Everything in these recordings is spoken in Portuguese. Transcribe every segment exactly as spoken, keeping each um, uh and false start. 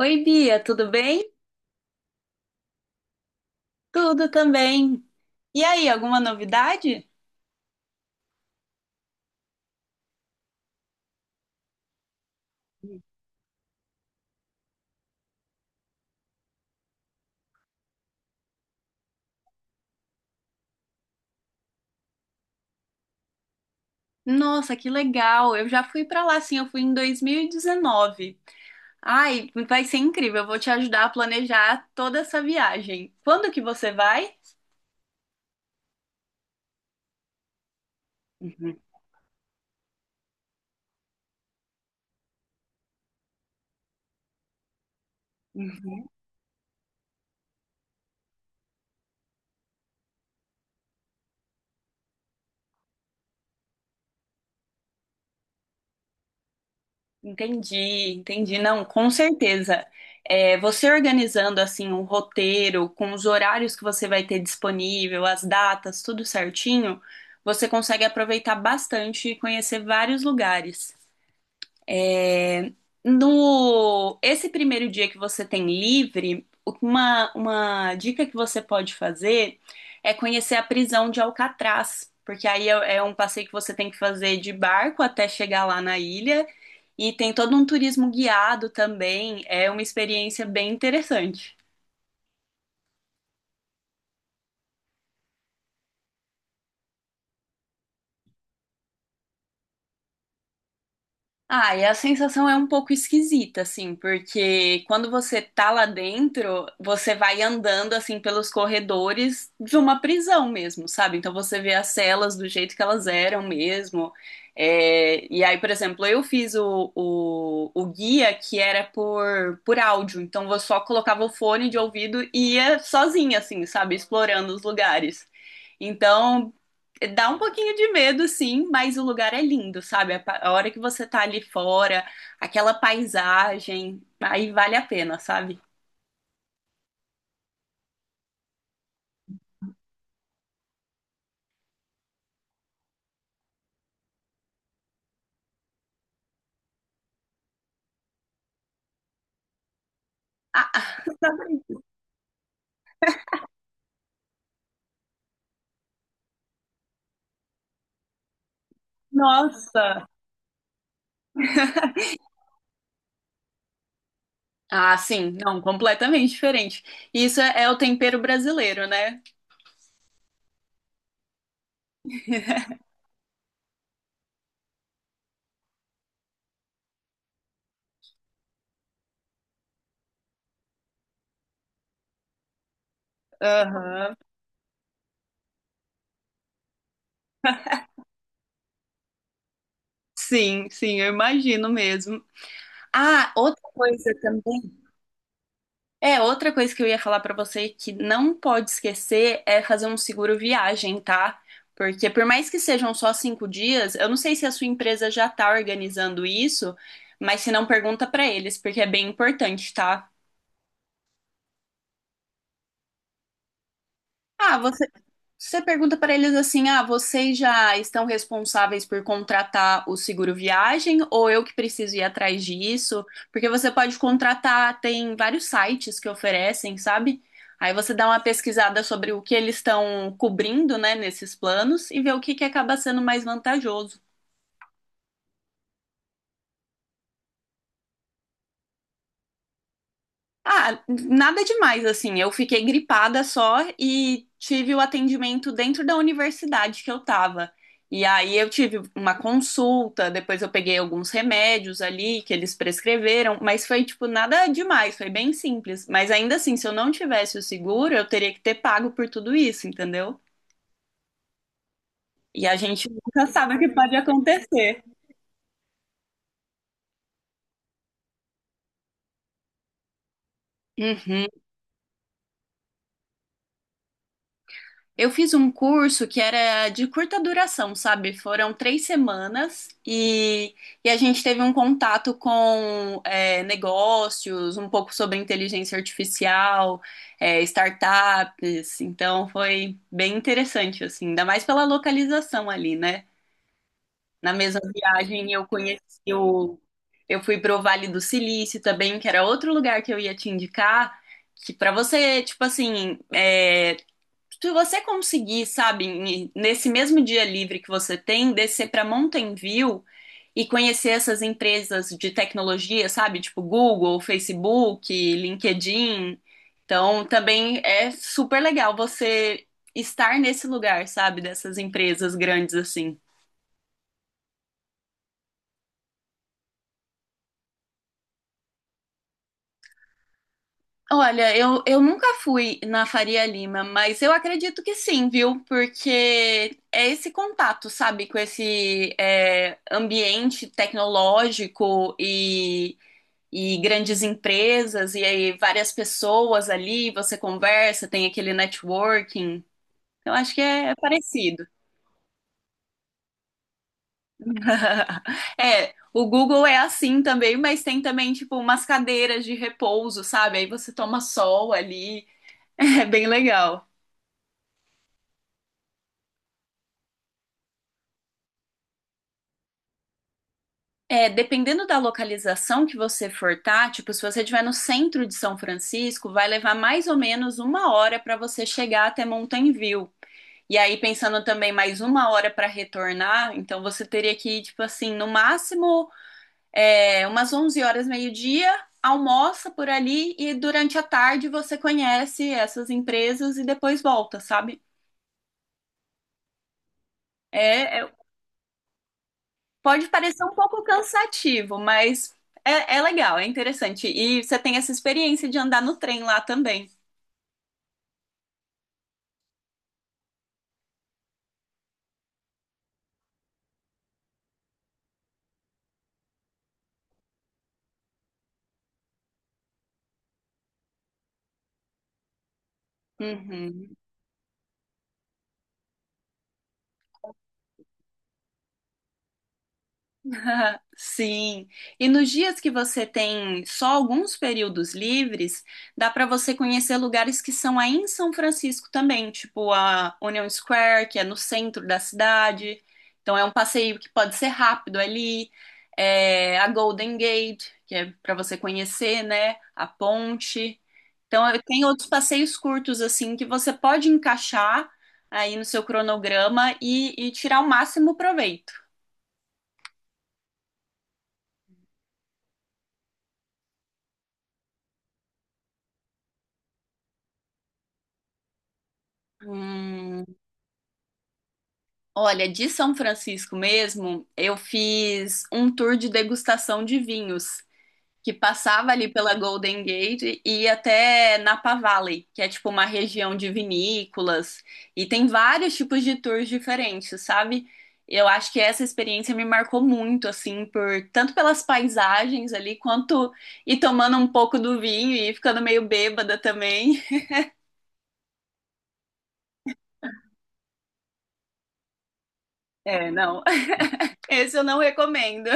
Oi, Bia, tudo bem? Tudo também. E aí, alguma novidade? Nossa, que legal! Eu já fui pra lá, sim, eu fui em dois mil e dezenove. Ai, vai ser incrível, eu vou te ajudar a planejar toda essa viagem. Quando que você vai? Uhum, uhum. Entendi, entendi. Não, com certeza. É, você organizando assim um roteiro com os horários que você vai ter disponível, as datas, tudo certinho, você consegue aproveitar bastante e conhecer vários lugares. No esse primeiro dia que você tem livre, uma, uma dica que você pode fazer é conhecer a prisão de Alcatraz, porque aí é, é um passeio que você tem que fazer de barco até chegar lá na ilha e tem todo um turismo guiado também, é uma experiência bem interessante. Ah, e a sensação é um pouco esquisita, assim, porque quando você tá lá dentro, você vai andando, assim, pelos corredores de uma prisão mesmo, sabe? Então você vê as celas do jeito que elas eram mesmo. É, e aí, por exemplo, eu fiz o, o, o guia que era por, por áudio, então eu só colocava o fone de ouvido e ia sozinha, assim, sabe? Explorando os lugares. Então, dá um pouquinho de medo, sim, mas o lugar é lindo, sabe? A pa- a hora que você tá ali fora, aquela paisagem, aí vale a pena, sabe? Ah, nossa! Ah, sim, não, completamente diferente. Isso é, é o tempero brasileiro, né? Aham. Sim, sim, eu imagino mesmo. Ah, outra coisa também. É, outra coisa que eu ia falar pra você que não pode esquecer é fazer um seguro viagem, tá? Porque por mais que sejam só cinco dias, eu não sei se a sua empresa já tá organizando isso, mas se não, pergunta pra eles, porque é bem importante, tá? Ah, você Se Você pergunta para eles assim: ah, vocês já estão responsáveis por contratar o seguro viagem ou eu que preciso ir atrás disso? Porque você pode contratar, tem vários sites que oferecem, sabe? Aí você dá uma pesquisada sobre o que eles estão cobrindo, né, nesses planos e vê o que que acaba sendo mais vantajoso. Ah, nada demais, assim. Eu fiquei gripada só e tive o atendimento dentro da universidade que eu tava. E aí eu tive uma consulta, depois eu peguei alguns remédios ali que eles prescreveram, mas foi tipo nada demais, foi bem simples. Mas ainda assim, se eu não tivesse o seguro, eu teria que ter pago por tudo isso, entendeu? E a gente nunca sabe o que pode acontecer. Uhum. Eu fiz um curso que era de curta duração, sabe? Foram três semanas e, e a gente teve um contato com é, negócios, um pouco sobre inteligência artificial, é, startups. Então foi bem interessante, assim, ainda mais pela localização ali, né? Na mesma viagem eu conheci o. Eu fui pro Vale do Silício também, que era outro lugar que eu ia te indicar, que para você, tipo assim, é, se você conseguir, sabe, em- nesse mesmo dia livre que você tem, descer para Mountain View e conhecer essas empresas de tecnologia, sabe, tipo Google, Facebook, LinkedIn. Então, também é super legal você estar nesse lugar, sabe, dessas empresas grandes assim. Olha, eu, eu nunca fui na Faria Lima, mas eu acredito que sim, viu? Porque é esse contato, sabe, com esse é, ambiente tecnológico e, e grandes empresas, e aí várias pessoas ali, você conversa, tem aquele networking. Eu acho que é é parecido. É, o Google é assim também, mas tem também, tipo, umas cadeiras de repouso, sabe? Aí você toma sol ali, é bem legal. É, dependendo da localização que você for tá, tipo, se você estiver no centro de São Francisco, vai levar mais ou menos uma hora para você chegar até Mountain View. E aí, pensando também mais uma hora para retornar, então você teria que ir, tipo assim, no máximo é, umas onze horas, meio-dia, almoça por ali e durante a tarde você conhece essas empresas e depois volta, sabe? É, é Pode parecer um pouco cansativo, mas é, é legal, é interessante. E você tem essa experiência de andar no trem lá também. Uhum. Sim. E nos dias que você tem só alguns períodos livres, dá para você conhecer lugares que são aí em São Francisco também, tipo a Union Square, que é no centro da cidade. Então é um passeio que pode ser rápido ali. É, a Golden Gate, que é para você conhecer, né? A ponte. Então, eu tenho outros passeios curtos, assim, que você pode encaixar aí no seu cronograma e, e tirar o máximo proveito. Hum, olha, de São Francisco mesmo, eu fiz um tour de degustação de vinhos que passava ali pela Golden Gate e ia até Napa Valley, que é tipo uma região de vinícolas e tem vários tipos de tours diferentes, sabe? Eu acho que essa experiência me marcou muito, assim, por tanto pelas paisagens ali, quanto e tomando um pouco do vinho e ficando meio bêbada também. É, não. Esse eu não recomendo.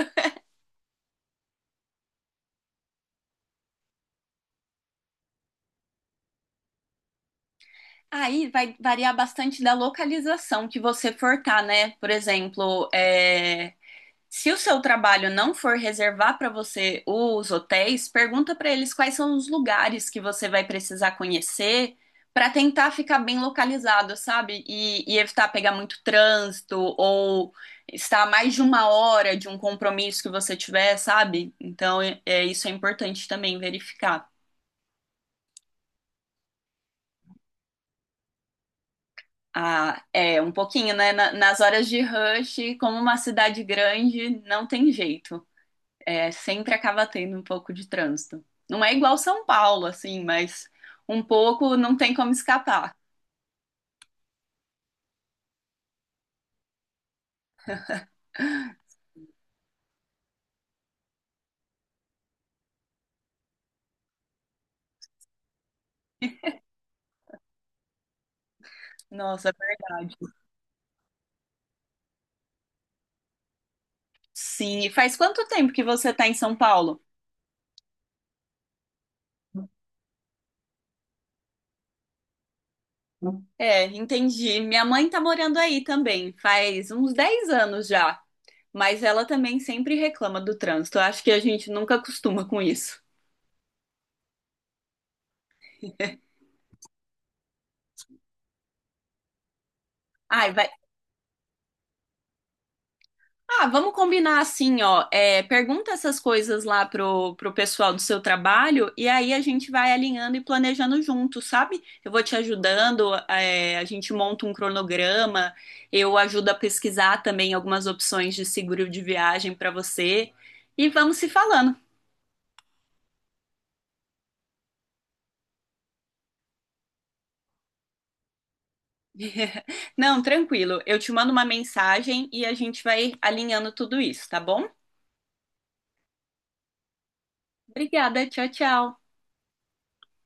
Aí vai variar bastante da localização que você for tá, né? Por exemplo, é, se o seu trabalho não for reservar para você os hotéis, pergunta para eles quais são os lugares que você vai precisar conhecer para tentar ficar bem localizado, sabe? E, e evitar pegar muito trânsito ou estar a mais de uma hora de um compromisso que você tiver, sabe? Então, é, é- isso é importante também verificar. Ah, é um pouquinho, né? Na- nas horas de rush, como uma cidade grande, não tem jeito. É, sempre acaba tendo um pouco de trânsito. Não é igual São Paulo, assim, mas um pouco não tem como escapar. Nossa, é verdade. Sim, e faz quanto tempo que você tá em São Paulo? É, entendi. Minha mãe tá morando aí também, faz uns dez anos já. Mas ela também sempre reclama do trânsito. Eu Acho que a gente nunca acostuma com isso. Ai, vai Ah, vamos combinar assim, ó. É, pergunta essas coisas lá pro, pro pessoal do seu trabalho e aí a gente vai alinhando e planejando junto, sabe? Eu vou te ajudando, é, a gente monta um cronograma, eu ajudo a pesquisar também algumas opções de seguro de viagem para você e vamos se falando. Não, tranquilo. Eu te mando uma mensagem e a gente vai alinhando tudo isso, tá bom? Obrigada, tchau, tchau.